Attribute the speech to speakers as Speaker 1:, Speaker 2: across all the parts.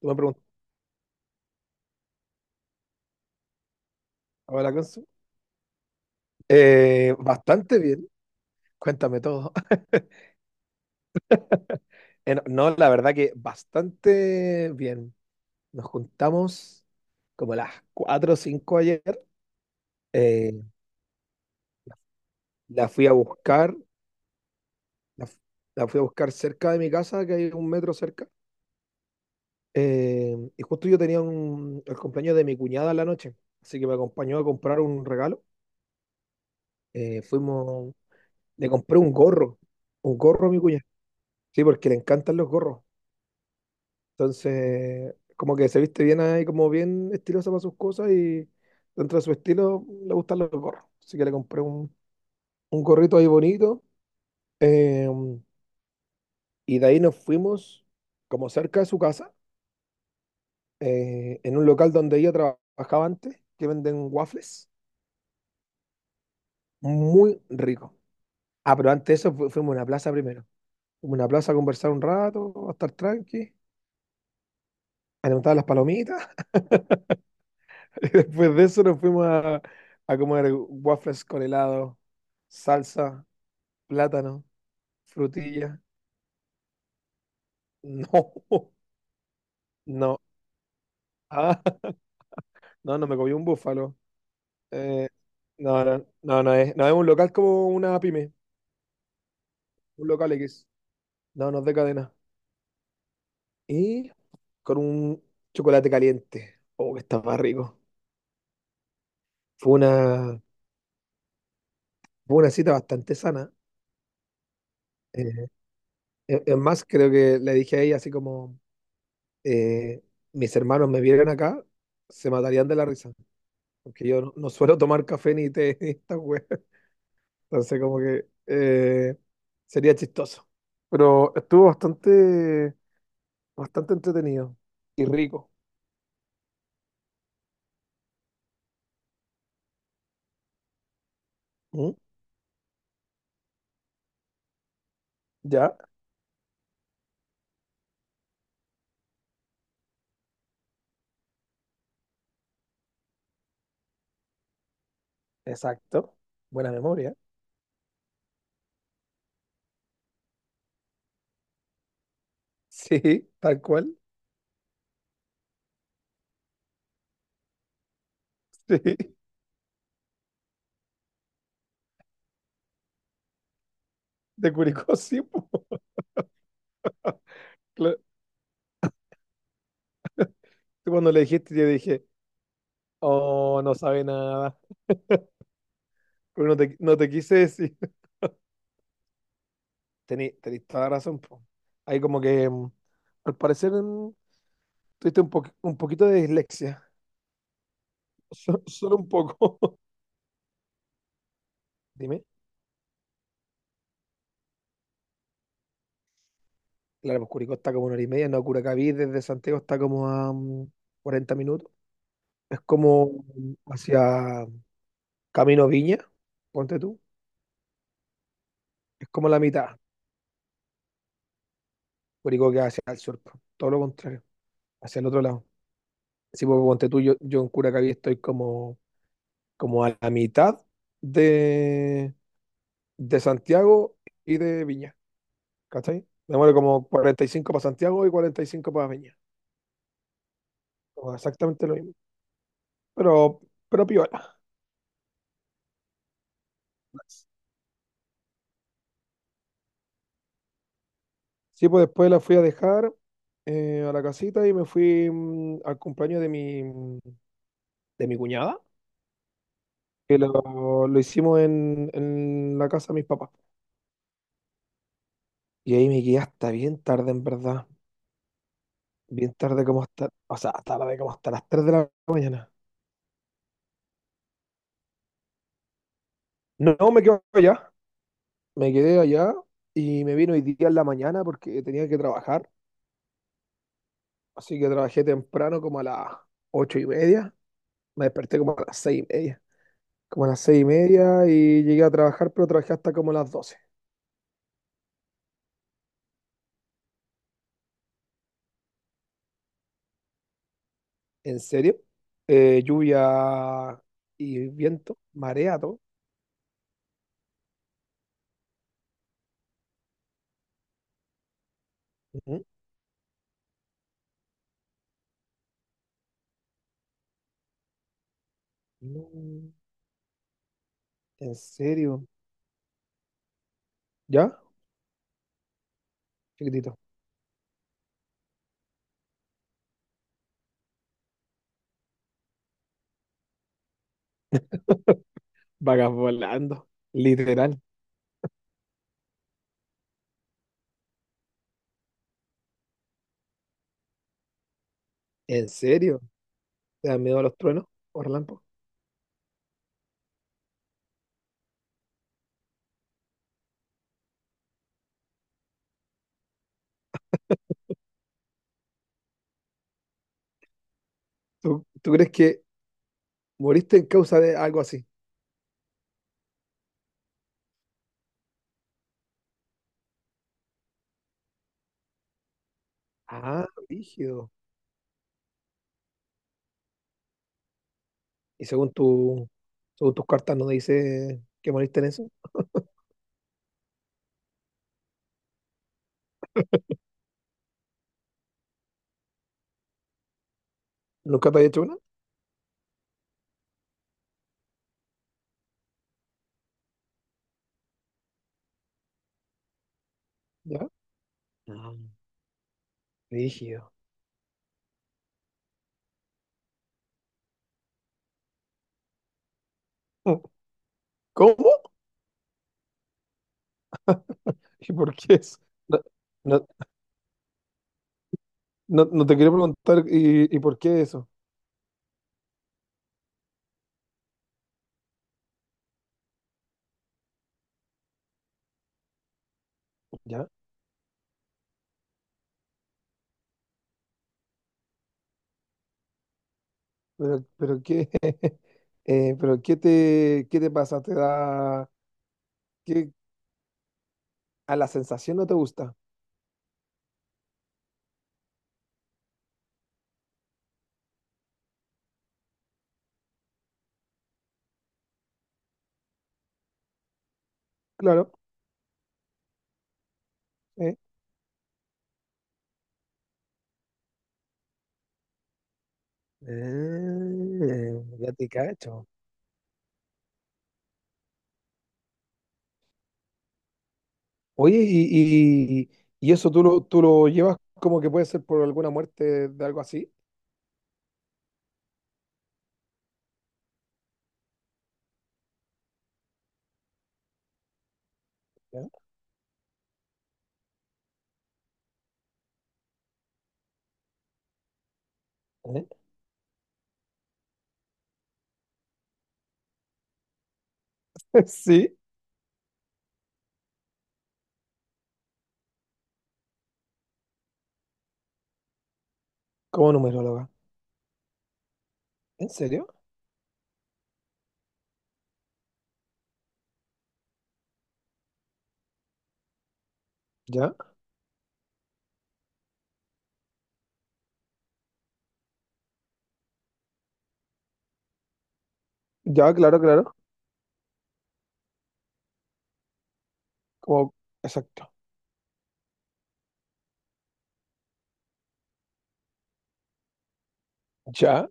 Speaker 1: Tú me preguntabas la canción. Bastante bien. Cuéntame todo. No, no, la verdad que bastante bien. Nos juntamos como a las 4 o 5 ayer. Eh, la fui a buscar. La, fu- la fui a buscar cerca de mi casa, que hay un metro cerca. Y justo yo tenía el cumpleaños de mi cuñada en la noche. Así que me acompañó a comprar un regalo. Eh, fuimos, Le compré un gorro. Un gorro a mi cuñada. Sí, porque le encantan los gorros. Entonces, como que se viste bien ahí, como bien estilosa para sus cosas y dentro de su estilo le gustan los gorros. Así que le compré un gorrito ahí bonito. eh, y de ahí nos fuimos como cerca de su casa, en un local donde ella trabajaba antes, que venden waffles. Muy rico. Ah, pero antes de eso fuimos a una plaza primero. Fuimos a una plaza a conversar un rato, a estar tranqui, a levantar las palomitas. Y después de eso nos fuimos a comer waffles con helado, salsa, plátano, frutilla. No, no, ah, no, no me comí un búfalo. Eh, no, no, no, no es un local como una pyme, un local X. No, no es de cadena. Y con un chocolate caliente. Oh, que estaba rico. Fue una, fue una cita bastante sana. Eh, es más, creo que le dije a ella así como, eh, mis hermanos me vieran acá, se matarían de la risa. Porque yo no suelo tomar café ni té ni esta wea. Entonces, como que sería chistoso. Pero estuvo bastante, bastante entretenido y rico. ¿Mm? Ya, exacto. Buena memoria. Sí, tal cual. Sí, de Curicó, sí, po. Cla- Tú cuando le dijiste, yo dije, oh, no sabe nada. Pero no te quise decir. Tenés toda la razón, po. Ahí como que, al parecer, tuviste un poquito de dislexia. Solo un poco. Dime. Claro, pues Curicó está como 1 hora y media, no, Curacaví desde Santiago está como a 40 minutos. Es como hacia Camino Viña, ponte tú. Es como la mitad. Curicó queda hacia el sur, po, todo lo contrario, hacia el otro lado. Si pues, ponte tú, yo en Curacaví estoy como a la mitad de, de Santiago y de Viña, ¿cachai? Me muero como 45 para Santiago y 45 para Viña. Como exactamente lo mismo, pero, pero piola. Sí, pues después la fui a dejar a la casita y me fui al cumpleaños de mi cuñada, que lo hicimos en la casa de mis papás. Y ahí me quedé hasta bien tarde, en verdad. Bien tarde como hasta, o sea, hasta la como hasta las 3 de la mañana. No, no, me quedé allá y me vino hoy día en la mañana porque tenía que trabajar. Así que trabajé temprano como a las 8:30. Me desperté como a las 6:30. Como a las seis y media y llegué a trabajar, pero trabajé hasta como a las 12. ¿En serio? Lluvia y viento, marea, todo. Ujú. Mm, ¿en serio? ¿Ya? Chiquitito. Vagas volando, literal. ¿En serio? ¿Te dan miedo a los truenos o relámpagos? ¿Tú crees que moriste en causa de algo así? Ah, rígido. Y según tus cartas no dice que moriste en eso. ¿Nunca te había hecho una? ¿Ya? Ah, rígido. ¿Cómo? ¿Y por qué eso? No, no. No, no te quiero preguntar, ¿y por qué eso? ¿Ya? Pero qué, pero qué te pasa, te da, qué, a la sensación no te gusta. Claro, eh. Ya te cacho. Oye, y eso tú lo llevas como que puede ser por alguna muerte de algo así. ¿Ya? ¿Eh? Sí, como numeróloga. ¿En serio? ¿Ya? Ya, claro, claro. Como, exacto. ¿Ya?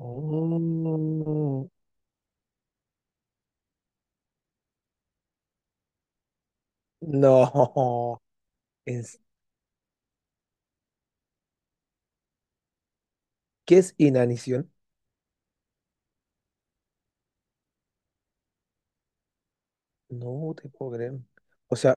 Speaker 1: Mm, no. Es- ¿Qué es inanición? No te puedo creer. O sea,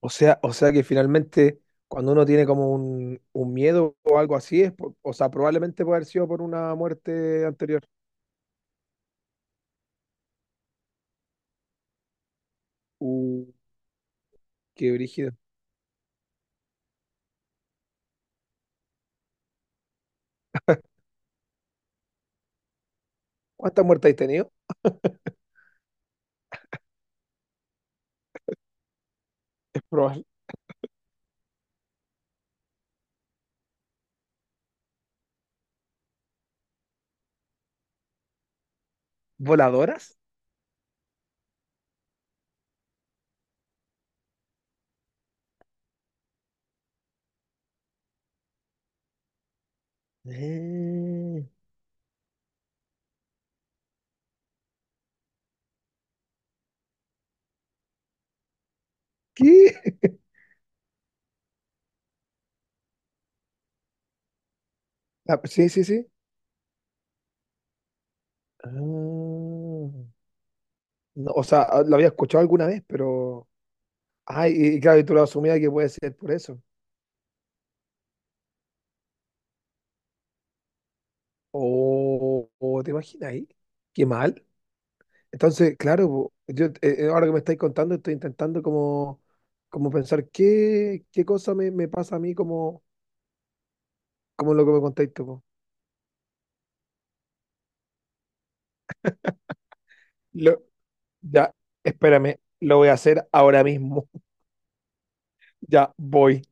Speaker 1: o sea que finalmente cuando uno tiene como un miedo o algo así, o sea, probablemente puede haber sido por una muerte anterior. Uh, Qué brígido. ¿Cuántas muertes has tenido? Proba- ¿Voladoras? Eh, ¿Qué? Ah, sí, sí, sí. Ah, no, o sea, lo había escuchado alguna vez, pero. Ay, y claro, y tú lo asumías que puede ser por eso. ¿Te imaginas ahí? Qué mal. Entonces, claro, po, yo ahora que me estáis contando, estoy intentando como pensar qué cosa me pasa a mí como lo que me contáis tú, po. Lo- ya, espérame, lo voy a hacer ahora mismo. Ya voy.